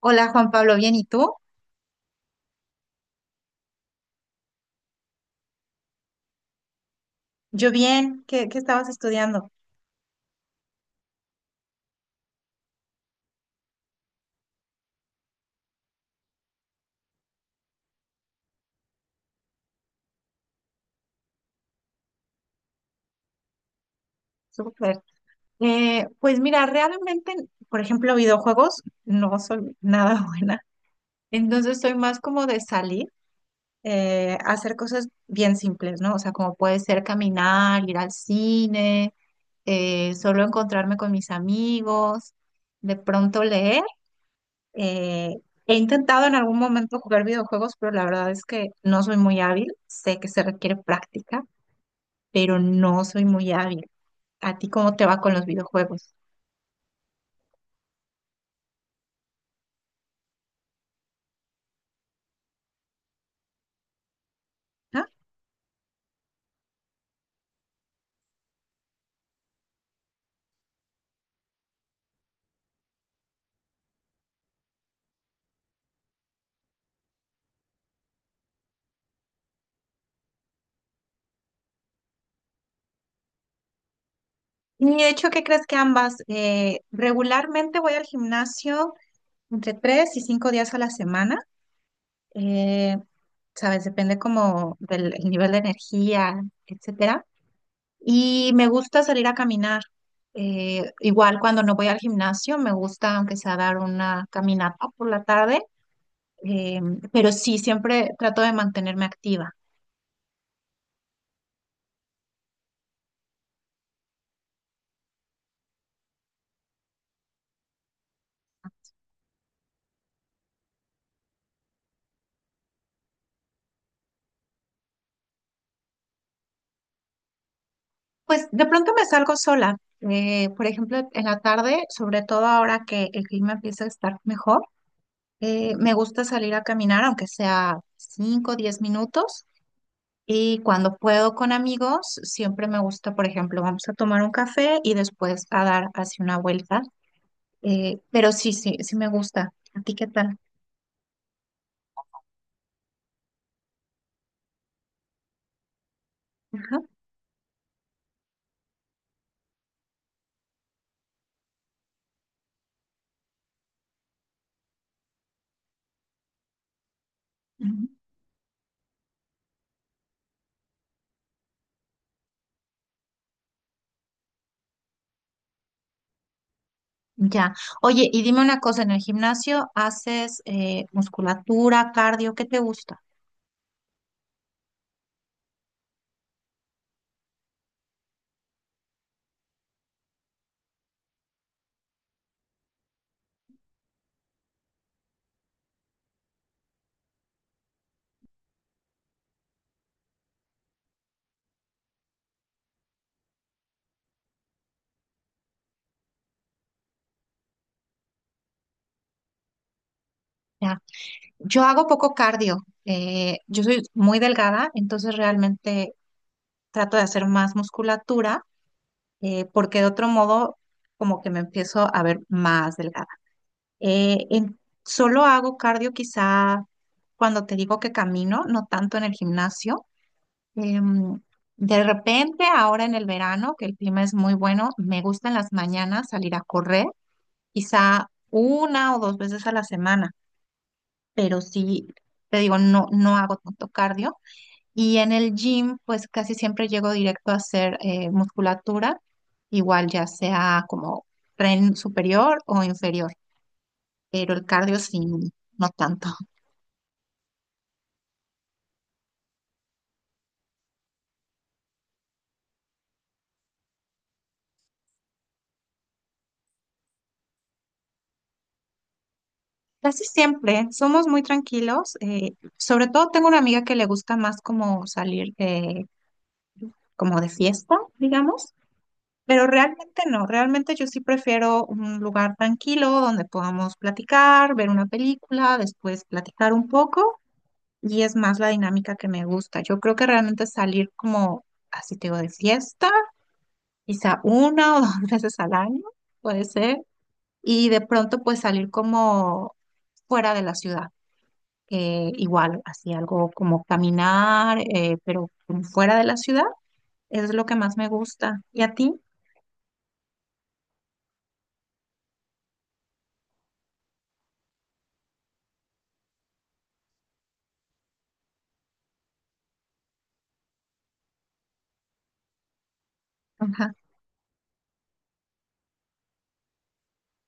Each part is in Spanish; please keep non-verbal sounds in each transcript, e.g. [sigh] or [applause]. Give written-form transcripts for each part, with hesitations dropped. Hola Juan Pablo, ¿bien? ¿Y tú? Yo bien, ¿qué estabas estudiando? Súper. Pues mira, realmente, por ejemplo, videojuegos, no soy nada [laughs] buena. Entonces soy más como de salir, hacer cosas bien simples, ¿no? O sea, como puede ser caminar, ir al cine, solo encontrarme con mis amigos, de pronto leer. eh, He intentado en algún momento jugar videojuegos, pero la verdad es que no soy muy hábil, sé que se requiere práctica. Pero no soy muy hábil. ¿A ti cómo te va con los videojuegos? ¿Ah? Y de hecho, ¿qué crees que ambas? Regularmente voy al gimnasio entre 3 y 5 días a la semana. Eh, ¿Sabes? Depende como del el nivel de energía, etcétera. Y me gusta salir a caminar. Igual cuando no voy al gimnasio, me gusta aunque sea dar una caminata por la tarde, eh, pero sí, siempre trato de mantenerme activa. Pues de pronto me salgo sola. Por ejemplo, en la tarde, sobre todo ahora que el clima empieza a estar mejor, me gusta salir a caminar, aunque sea 5, o 10 minutos. Y cuando puedo con amigos, siempre me gusta, por ejemplo, vamos a tomar un café y después a dar así una vuelta. Pero sí, sí, sí me gusta. ¿A ti qué tal? Ajá. Ujú. Ya. Oye, y dime una cosa, ¿en el gimnasio haces musculatura, cardio? ¿Qué te gusta? Yo hago poco cardio. Yo soy muy delgada, entonces realmente trato de hacer más musculatura, porque de otro modo como que me empiezo a ver más delgada. Eh, en- Solo hago cardio quizá cuando te digo que camino, no tanto en el gimnasio. Em, de repente, ahora en el verano, que el clima es muy bueno, me gusta en las mañanas salir a correr, quizá una o dos veces a la semana, pero sí, te digo, no, no hago tanto cardio. Y en el gym, pues casi siempre llego directo a hacer musculatura, igual ya sea como tren superior o inferior, pero el cardio sí, no tanto. [laughs] Casi siempre somos muy tranquilos, sobre todo tengo una amiga que le gusta más como salir como de fiesta, digamos, pero realmente no, realmente yo sí prefiero un lugar tranquilo donde podamos platicar, ver una película, después platicar un poco. Y es más la dinámica que me gusta. Yo creo que realmente salir como, así te digo, de fiesta, quizá una o [laughs] dos veces al año, puede ser, y de pronto pues salir como fuera de la ciudad, que igual, así algo como caminar, pero como fuera de la ciudad, es lo que más me gusta. ¿Y a ti? Ajá.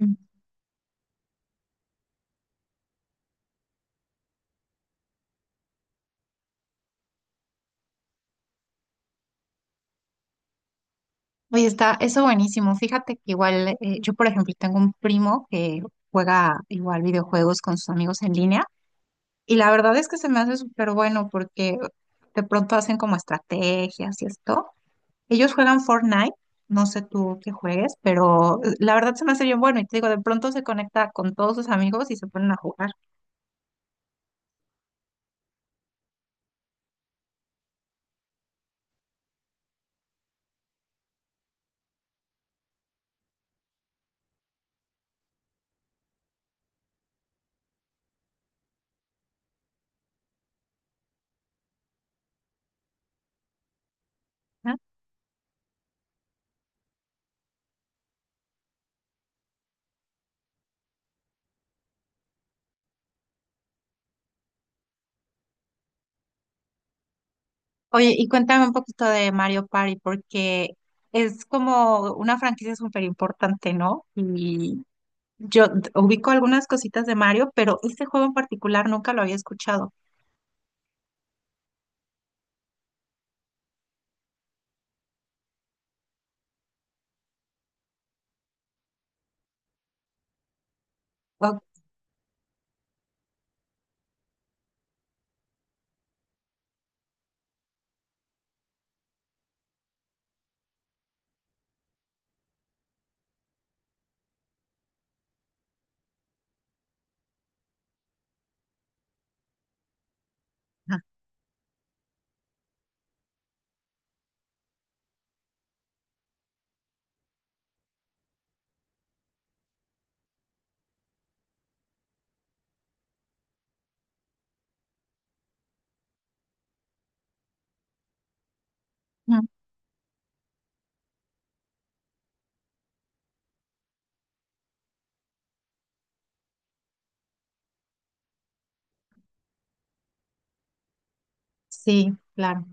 Mm. Oye, está eso buenísimo. Fíjate que igual, yo por ejemplo tengo un primo que juega igual videojuegos con sus amigos en línea. Y la verdad es que se me hace súper bueno porque de pronto hacen como estrategias y esto. Ellos juegan Fortnite, no sé tú qué juegues, pero la verdad se me hace bien bueno. Y te digo, de pronto se conecta con todos sus amigos y se ponen a jugar. ¿No? Oye, y cuéntame un poquito de Mario Party porque es como una franquicia súper importante, ¿no? Y ubico algunas cositas de Mario, pero este juego en particular nunca lo había escuchado. Guau. Ajá. Sí, claro.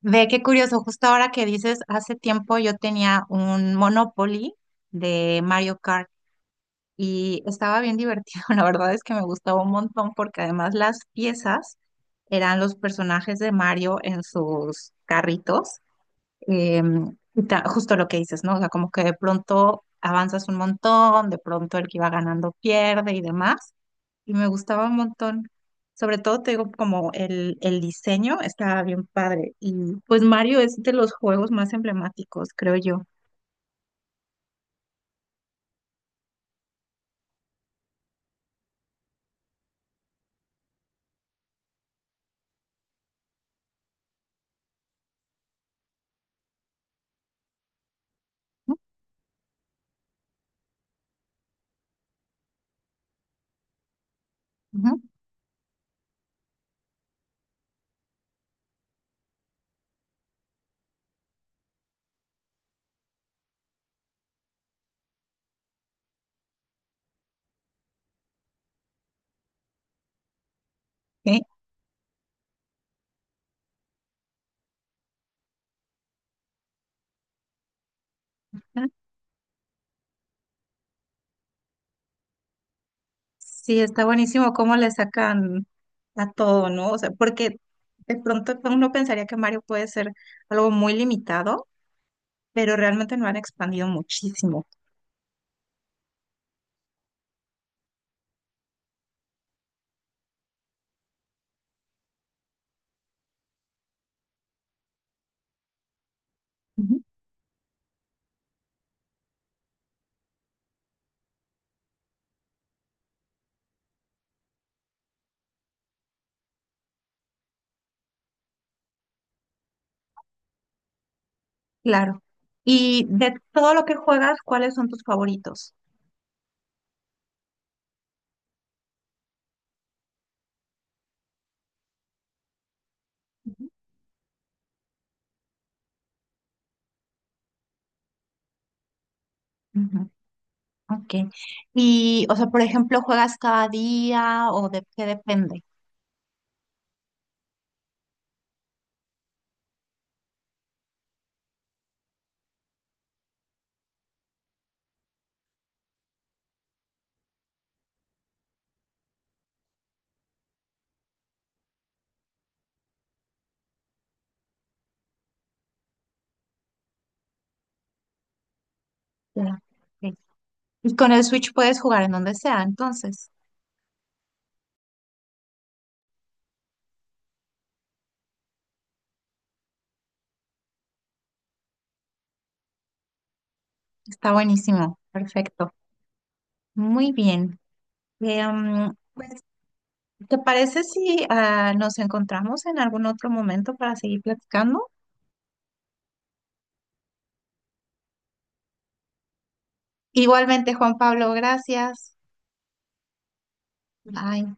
Ve qué curioso, justo ahora que dices, hace tiempo yo tenía un Monopoly de Mario Kart y estaba bien divertido, [laughs] la verdad es que me gustaba un montón porque además las piezas eran los personajes de Mario en sus carritos. Justo lo que dices, ¿no? O sea, como que de pronto avanzas un montón, de pronto el que iba ganando pierde y demás y me gustaba un montón. Sobre todo, te digo, como el diseño estaba bien padre. Y pues Mario es de los juegos más emblemáticos, creo yo. ¿No? Ujú. Sí. Sí, está buenísimo cómo le sacan a todo, ¿no? O sea, porque de pronto uno pensaría que Mario puede ser algo muy limitado, pero realmente lo han expandido muchísimo. Ujú. Claro. Y de todo lo que juegas, ¿cuáles son tus favoritos? Ujú. Ok. Y, o sea, por ejemplo, ¿juegas cada día o de qué depende? Ya, ok. Y con el Switch puedes jugar en donde sea, entonces. Está buenísimo. Perfecto. Muy bien. Pues, ¿te parece si nos encontramos en algún otro momento para seguir platicando? Igualmente, Juan Pablo, gracias. Bye.